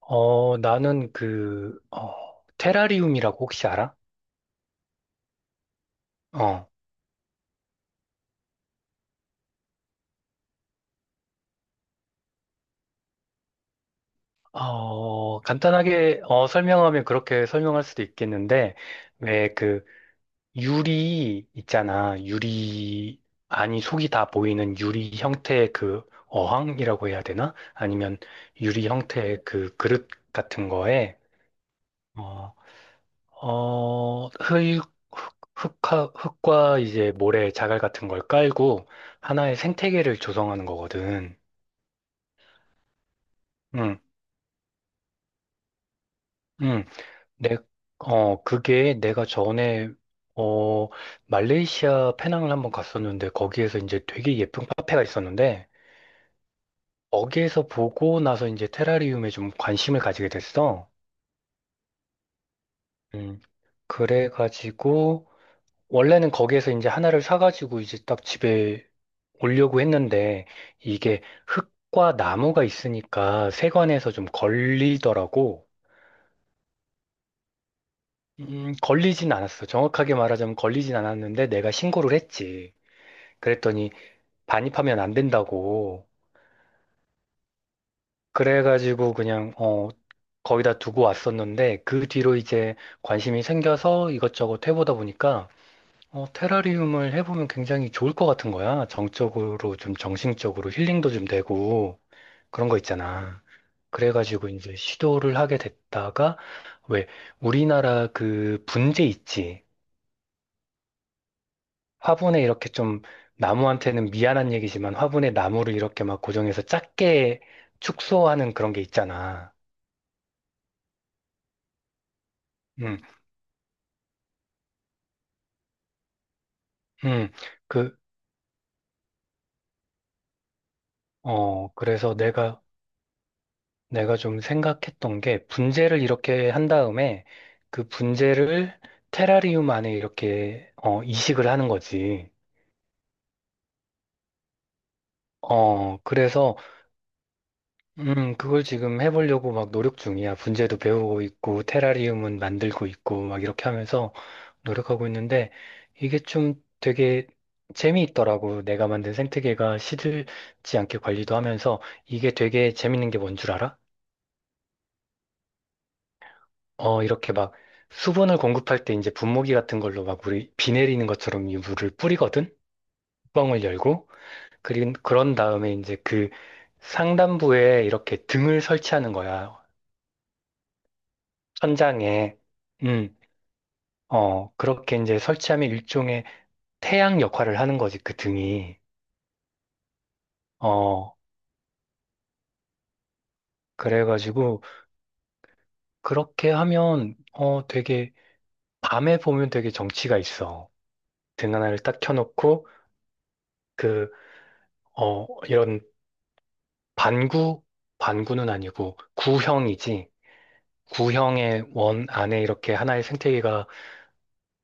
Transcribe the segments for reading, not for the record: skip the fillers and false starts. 나는 그, 테라리움이라고 혹시 알아? 어, 간단하게 설명하면 그렇게 설명할 수도 있겠는데, 왜 그 유리 있잖아. 유리, 아니, 속이 다 보이는 유리 형태의 그 어항이라고 해야 되나? 아니면 유리 형태의 그 그릇 같은 거에, 어, 흙과 이제 모래 자갈 같은 걸 깔고 하나의 생태계를 조성하는 거거든. 음, 음, 내, 그게 내가 전에, 어, 말레이시아 페낭을 한번 갔었는데, 거기에서 이제 되게 예쁜 카페가 있었는데, 거기에서 보고 나서 이제 테라리움에 좀 관심을 가지게 됐어. 음, 그래가지고, 원래는 거기에서 이제 하나를 사가지고 이제 딱 집에 오려고 했는데, 이게 흙과 나무가 있으니까 세관에서 좀 걸리더라고. 걸리진 않았어. 정확하게 말하자면 걸리진 않았는데 내가 신고를 했지. 그랬더니 반입하면 안 된다고. 그래가지고 그냥, 거기다 두고 왔었는데 그 뒤로 이제 관심이 생겨서 이것저것 해보다 보니까 테라리움을 해보면 굉장히 좋을 것 같은 거야. 정적으로 좀 정신적으로 힐링도 좀 되고 그런 거 있잖아. 그래가지고 이제 시도를 하게 됐다가 왜 우리나라 그 분재 있지. 화분에 이렇게 좀 나무한테는 미안한 얘기지만 화분에 나무를 이렇게 막 고정해서 작게 축소하는 그런 게 있잖아. 음, 음, 그, 그래서 내가 좀 생각했던 게 분재를 이렇게 한 다음에 그 분재를 테라리움 안에 이렇게, 이식을 하는 거지. 그래서 그걸 지금 해보려고 막 노력 중이야. 분재도 배우고 있고, 테라리움은 만들고 있고, 막 이렇게 하면서 노력하고 있는데, 이게 좀 되게 재미있더라고. 내가 만든 생태계가 시들지 않게 관리도 하면서, 이게 되게 재밌는 게 뭔 줄 알아? 이렇게 막 수분을 공급할 때 이제 분무기 같은 걸로 막 우리 비 내리는 것처럼 이 물을 뿌리거든? 뚜껑을 열고, 그런 다음에 이제 그 상단부에 이렇게 등을 설치하는 거야. 천장에. 음. 그렇게 이제 설치하면 일종의 태양 역할을 하는 거지, 그 등이. 어, 그래가지고, 그렇게 하면, 되게, 밤에 보면 되게 정취가 있어. 등 하나를 딱 켜놓고, 그, 이런 반구, 반구는 아니고, 구형이지. 구형의 원 안에 이렇게 하나의 생태계가,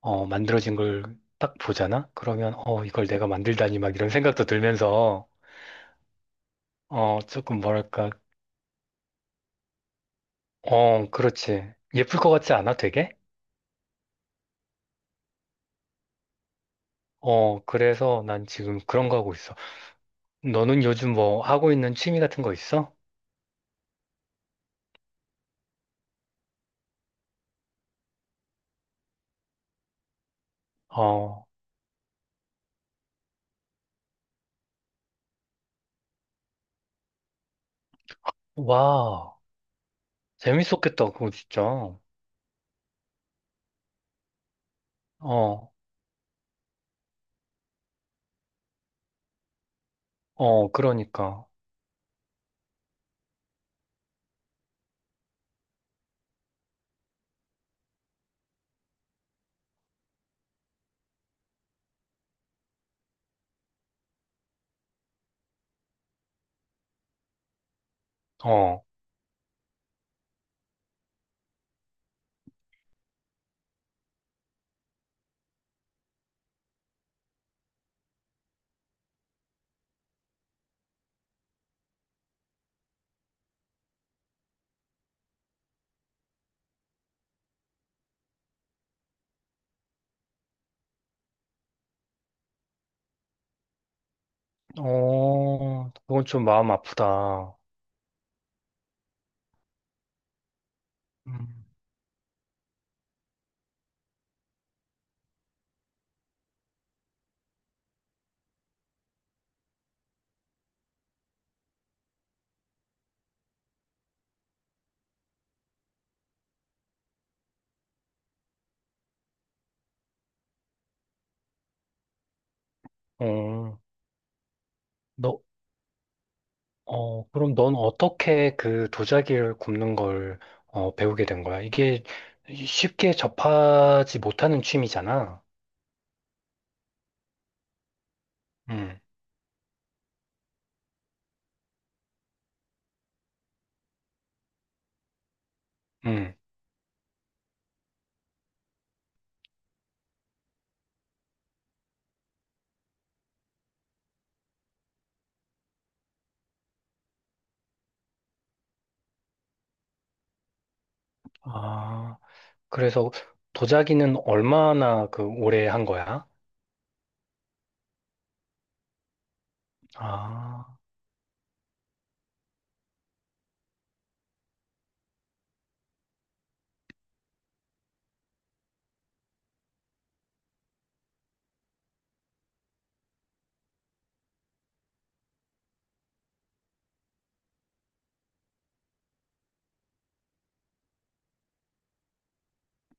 만들어진 걸 딱 보잖아? 그러면, 이걸 내가 만들다니, 막 이런 생각도 들면서, 조금 뭐랄까, 그렇지. 예쁠 것 같지 않아, 되게? 그래서 난 지금 그런 거 하고 있어. 너는 요즘 뭐 하고 있는 취미 같은 거 있어? 어, 와, 재밌었겠다, 그거 진짜. 어, 어, 그러니까. 어, 어, 그건 좀 마음 아프다. 음. 어, 너, 그럼 넌 어떻게 그 도자기를 굽는 걸 배우게 된 거야? 이게 쉽게 접하지 못하는 취미잖아. 음. 음. 아, 그래서 도자기는 얼마나 그 오래 한 거야? 아,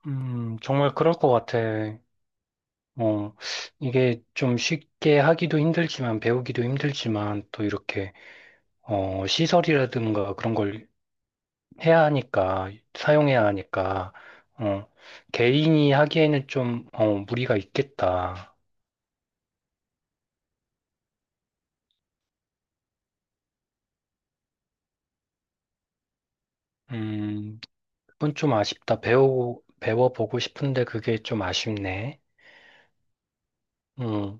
정말 그럴 것 같아. 어, 이게 좀 쉽게 하기도 힘들지만, 배우기도 힘들지만, 또 이렇게, 시설이라든가 그런 걸 해야 하니까, 사용해야 하니까, 어, 개인이 하기에는 좀, 무리가 있겠다. 음, 그건 좀 아쉽다. 배워보고 싶은데 그게 좀 아쉽네. 음.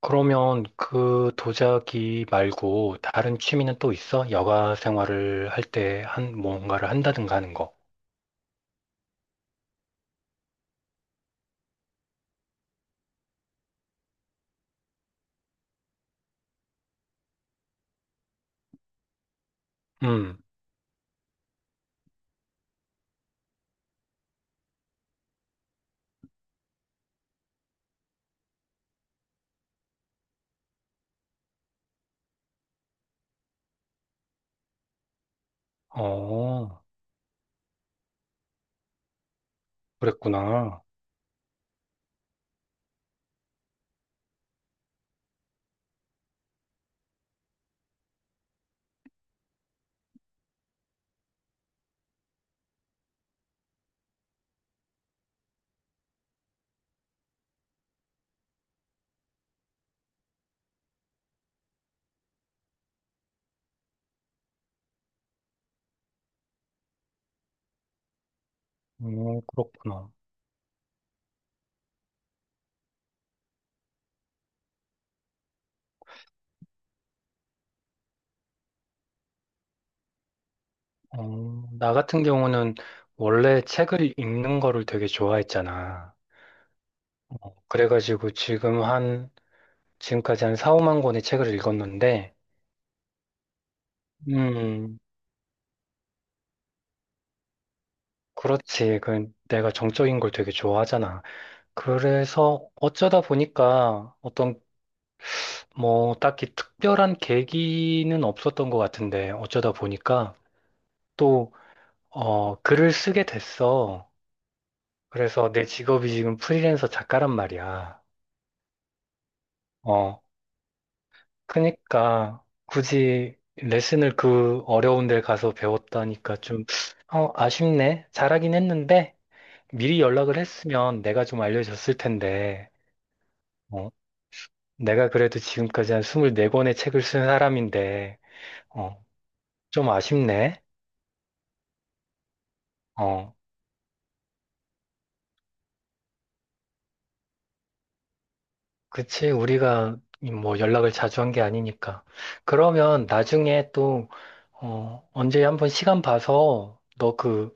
그러면 그 도자기 말고 다른 취미는 또 있어? 여가 생활을 할 때 뭔가를 한다든가 하는 거. 음, 어, 그랬구나. 어, 그렇구나. 나 같은 경우는 원래 책을 읽는 거를 되게 좋아했잖아. 그래가지고 지금까지 한 4, 5만 권의 책을 읽었는데, 음, 그렇지. 그 내가 정적인 걸 되게 좋아하잖아. 그래서 어쩌다 보니까 어떤 뭐, 딱히 특별한 계기는 없었던 것 같은데, 어쩌다 보니까 또, 글을 쓰게 됐어. 그래서 내 직업이 지금 프리랜서 작가란 말이야. 어, 그니까 굳이 레슨을 그 어려운 데 가서 배웠다니까 좀, 아쉽네. 잘하긴 했는데, 미리 연락을 했으면 내가 좀 알려줬을 텐데, 어, 내가 그래도 지금까지 한 24권의 책을 쓴 사람인데, 어, 좀 아쉽네. 어. 그치, 우리가 뭐 연락을 자주 한 게 아니니까. 그러면 나중에 또, 언제 한번 시간 봐서 너 그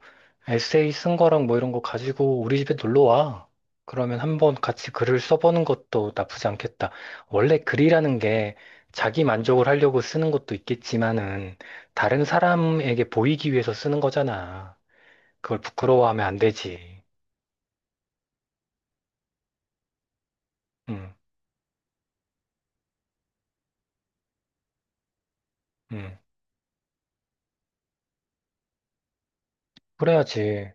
에세이 쓴 거랑 뭐 이런 거 가지고 우리 집에 놀러 와. 그러면 한번 같이 글을 써보는 것도 나쁘지 않겠다. 원래 글이라는 게 자기 만족을 하려고 쓰는 것도 있겠지만은 다른 사람에게 보이기 위해서 쓰는 거잖아. 그걸 부끄러워하면 안 되지. 응, 응. 그래야지.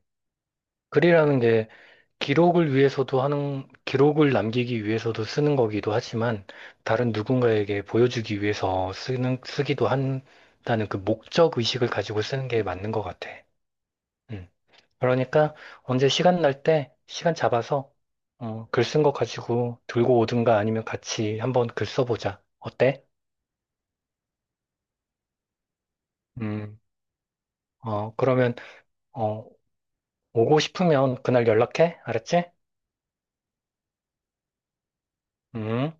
글이라는 게 기록을 위해서도 하는, 기록을 남기기 위해서도 쓰는 거기도 하지만, 다른 누군가에게 보여주기 위해서 쓰는, 쓰기도 한다는 그 목적 의식을 가지고 쓰는 게 맞는 것 같아. 음. 그러니까, 언제 시간 날 때, 시간 잡아서, 글 쓴 거 가지고 들고 오든가 아니면 같이 한번 글 써보자. 어때? 음, 그러면, 어, 오고 싶으면 그날 연락해? 알았지? 음.